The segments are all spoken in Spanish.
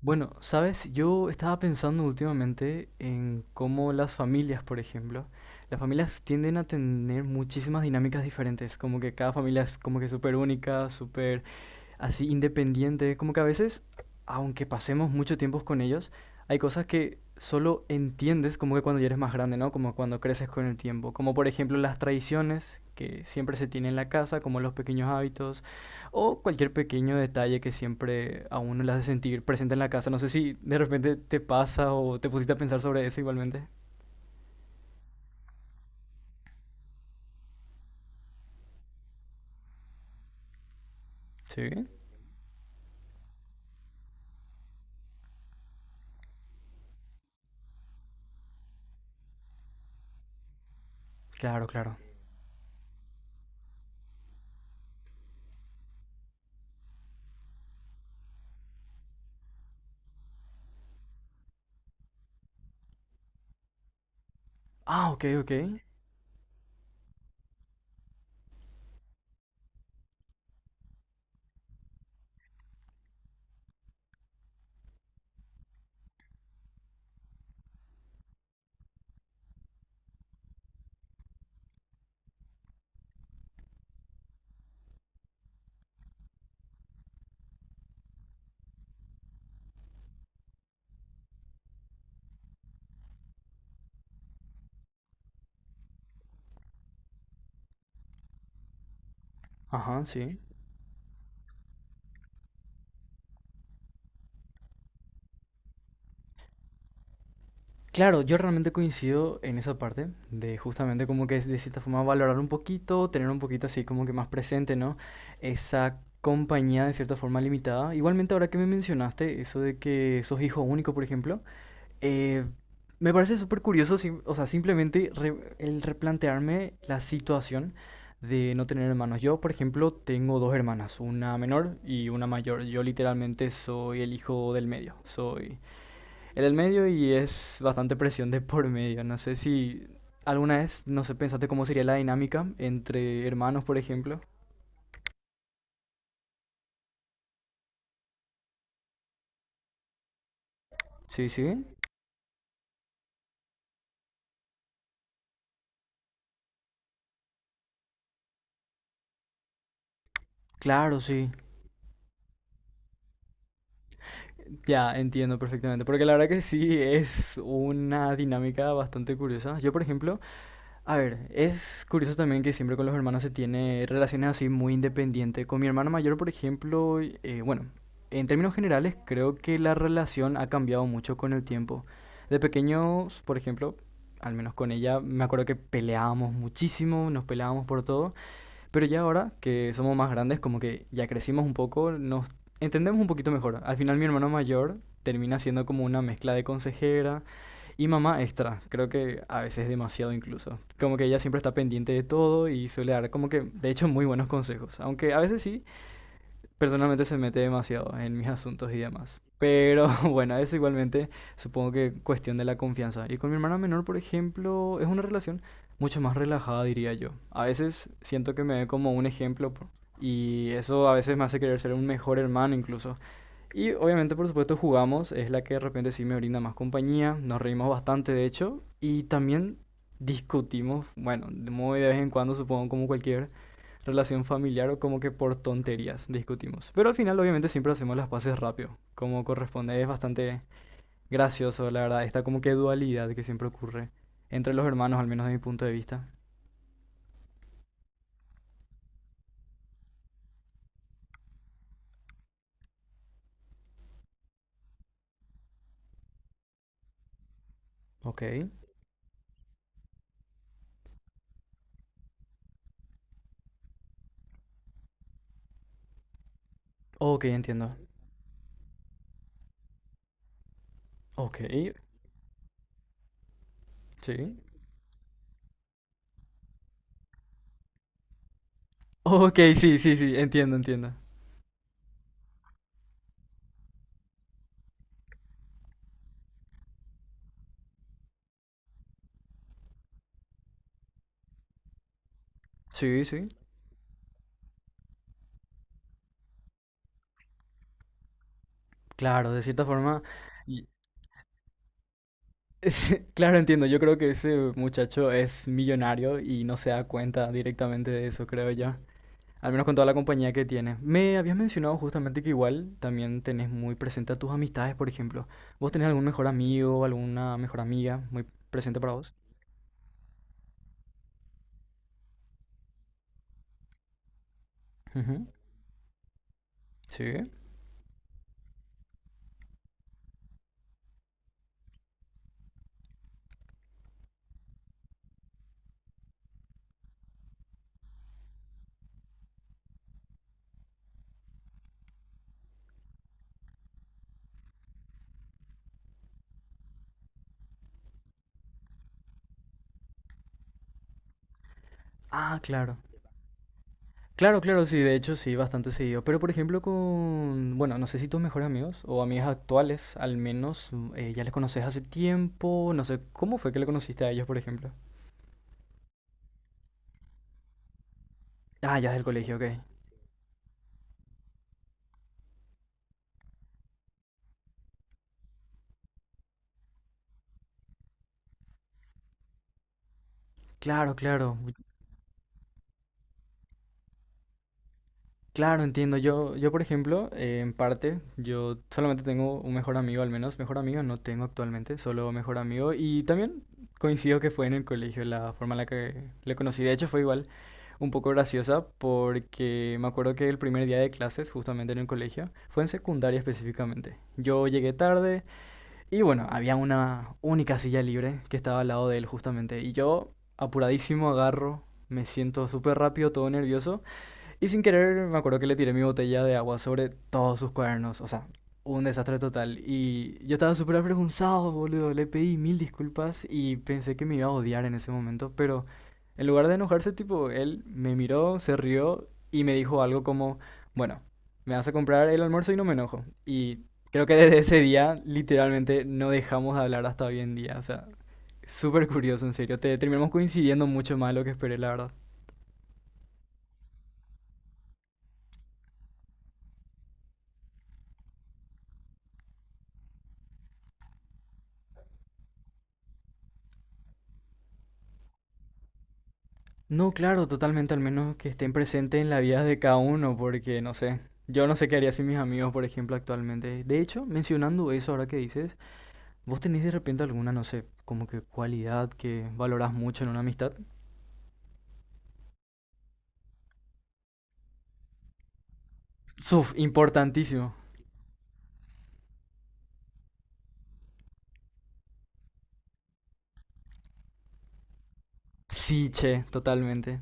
Bueno, sabes, yo estaba pensando últimamente en cómo las familias, por ejemplo, las familias tienden a tener muchísimas dinámicas diferentes, como que cada familia es como que súper única, súper así independiente, como que a veces, aunque pasemos mucho tiempo con ellos, hay cosas que solo entiendes como que cuando ya eres más grande, ¿no? Como cuando creces con el tiempo, como por ejemplo las tradiciones que siempre se tienen en la casa, como los pequeños hábitos o cualquier pequeño detalle que siempre a uno le hace sentir presente en la casa. No sé si de repente te pasa o te pusiste a pensar sobre eso igualmente. Sí. Claro, claro. Ah, ok, ok. Ajá, sí. Claro, yo realmente coincido en esa parte de justamente como que es de cierta forma valorar un poquito, tener un poquito así como que más presente, ¿no? Esa compañía de cierta forma limitada. Igualmente ahora que me mencionaste eso de que sos hijo único, por ejemplo, eh, me parece súper curioso, o sea, simplemente el replantearme la situación de no tener hermanos. Yo, por ejemplo, tengo dos hermanas, una menor y una mayor. Yo literalmente soy el hijo del medio, soy en el medio y es bastante presión de por medio. No sé si alguna vez, no sé, pensaste cómo sería la dinámica entre hermanos, por ejemplo. Sí, sí. Claro, sí. Ya, entiendo perfectamente. Porque la verdad que sí es una dinámica bastante curiosa. Yo, por ejemplo, a ver, es curioso también que siempre con los hermanos se tiene relaciones así muy independientes. Con mi hermana mayor, por ejemplo, bueno, en términos generales creo que la relación ha cambiado mucho con el tiempo. De pequeños, por ejemplo, al menos con ella, me acuerdo que peleábamos muchísimo, nos peleábamos por todo. Pero ya ahora que somos más grandes, como que ya crecimos un poco, nos entendemos un poquito mejor. Al final mi hermano mayor termina siendo como una mezcla de consejera y mamá extra. Creo que a veces demasiado incluso. Como que ella siempre está pendiente de todo y suele dar como que, de hecho, muy buenos consejos. Aunque a veces sí, personalmente se mete demasiado en mis asuntos y demás. Pero bueno, eso igualmente supongo que cuestión de la confianza. Y con mi hermana menor, por ejemplo, es una relación mucho más relajada, diría yo. A veces siento que me ve como un ejemplo y eso a veces me hace querer ser un mejor hermano incluso. Y obviamente, por supuesto, jugamos. Es la que de repente sí me brinda más compañía. Nos reímos bastante, de hecho. Y también discutimos, bueno, muy de vez en cuando, supongo, como cualquier relación familiar o como que por tonterías discutimos. Pero al final, obviamente, siempre hacemos las paces rápido. Como corresponde, es bastante gracioso, la verdad. Esta como que dualidad que siempre ocurre entre los hermanos, al menos de mi punto de vista. Ok. Ok, entiendo. Ok. Sí. Ok, sí, sí, sí, entiendo, entiendo. Sí, sí. Claro, de cierta forma, y- claro, entiendo, yo creo que ese muchacho es millonario y no se da cuenta directamente de eso, creo yo, al menos con toda la compañía que tiene. Me habías mencionado justamente que igual también tenés muy presente a tus amistades, por ejemplo. ¿Vos tenés algún mejor amigo, alguna mejor amiga muy presente para vos? Ujú. Sí. Ah, claro. Claro, claro, sí, de hecho sí, bastante seguido. Pero por ejemplo con, bueno, no sé si tus mejores amigos o amigas actuales, al menos, ya les conoces hace tiempo, no sé, ¿cómo fue que le conociste a ellos, por ejemplo? Ah, ya es del colegio, ok. Claro, claro, claro, entiendo. Yo por ejemplo, en parte, yo solamente tengo un mejor amigo, al menos mejor amigo no tengo actualmente, solo mejor amigo. Y también coincido que fue en el colegio la forma en la que le conocí. De hecho fue igual, un poco graciosa porque me acuerdo que el primer día de clases, justamente en el colegio, fue en secundaria específicamente. Yo llegué tarde y bueno, había una única silla libre que estaba al lado de él justamente. Y yo, apuradísimo, agarro, me siento súper rápido, todo nervioso y sin querer, me acuerdo que le tiré mi botella de agua sobre todos sus cuadernos. O sea, un desastre total. Y yo estaba súper avergonzado, boludo. Le pedí mil disculpas y pensé que me iba a odiar en ese momento. Pero en lugar de enojarse, tipo, él me miró, se rió y me dijo algo como, bueno, me vas a comprar el almuerzo y no me enojo. Y creo que desde ese día, literalmente, no dejamos de hablar hasta hoy en día. O sea, súper curioso, en serio. Terminamos coincidiendo mucho más de lo que esperé, la verdad. No, claro, totalmente, al menos que estén presentes en la vida de cada uno, porque no sé, yo no sé qué haría sin mis amigos, por ejemplo, actualmente. De hecho, mencionando eso ahora que dices, ¿vos tenés de repente alguna, no sé, como que cualidad que valorás mucho en una amistad? Suf, importantísimo. Sí, che, totalmente.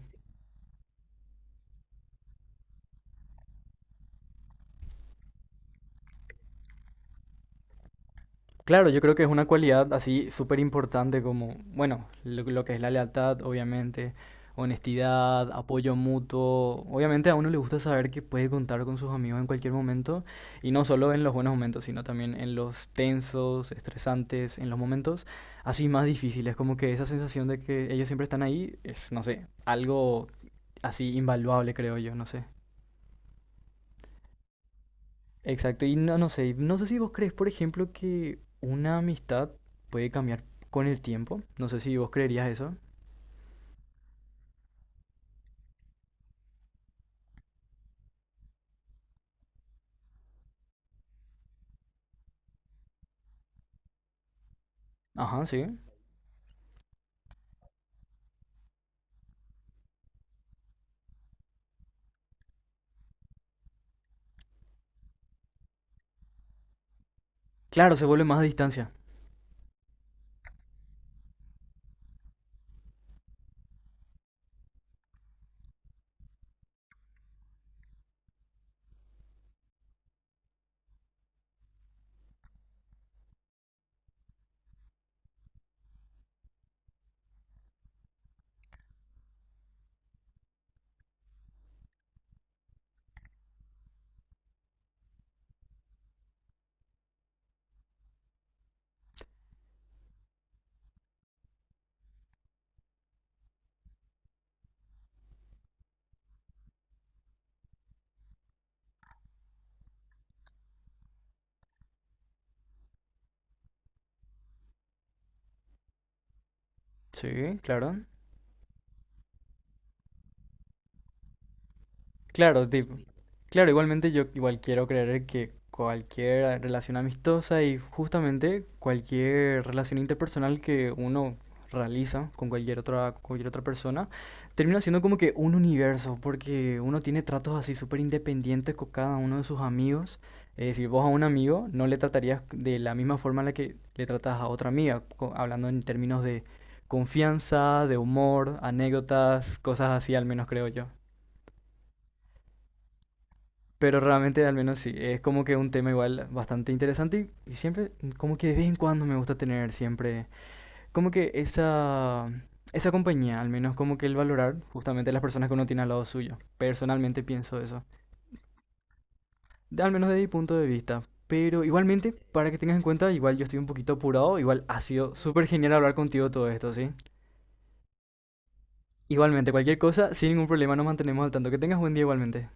Claro, yo creo que es una cualidad así súper importante como, bueno, lo que es la lealtad, obviamente, honestidad, apoyo mutuo. Obviamente a uno le gusta saber que puede contar con sus amigos en cualquier momento y no solo en los buenos momentos, sino también en los tensos, estresantes, en los momentos así más difíciles, como que esa sensación de que ellos siempre están ahí es, no sé, algo así invaluable, creo yo, no sé. Exacto, y no, no sé, no sé si vos crees, por ejemplo, que una amistad puede cambiar con el tiempo. No sé si vos creerías eso. Ajá, sí. Claro, se vuelve más a distancia. Sí, claro. Claro, claro, igualmente yo igual quiero creer que cualquier relación amistosa y justamente cualquier relación interpersonal que uno realiza con cualquier otra persona, termina siendo como que un universo, porque uno tiene tratos así súper independientes con cada uno de sus amigos. Es decir, vos a un amigo no le tratarías de la misma forma en la que le tratas a otra amiga, hablando en términos de confianza, de humor, anécdotas, cosas así al menos creo yo. Pero realmente, al menos sí, es como que un tema igual bastante interesante y siempre, como que de vez en cuando me gusta tener siempre, como que esa, esa compañía, al menos como que el valorar justamente las personas que uno tiene al lado suyo. Personalmente pienso eso, al menos de mi punto de vista. Pero igualmente, para que tengas en cuenta, igual yo estoy un poquito apurado, igual ha sido súper genial hablar contigo todo esto, ¿sí? Igualmente, cualquier cosa, sin ningún problema, nos mantenemos al tanto. Que tengas buen día igualmente.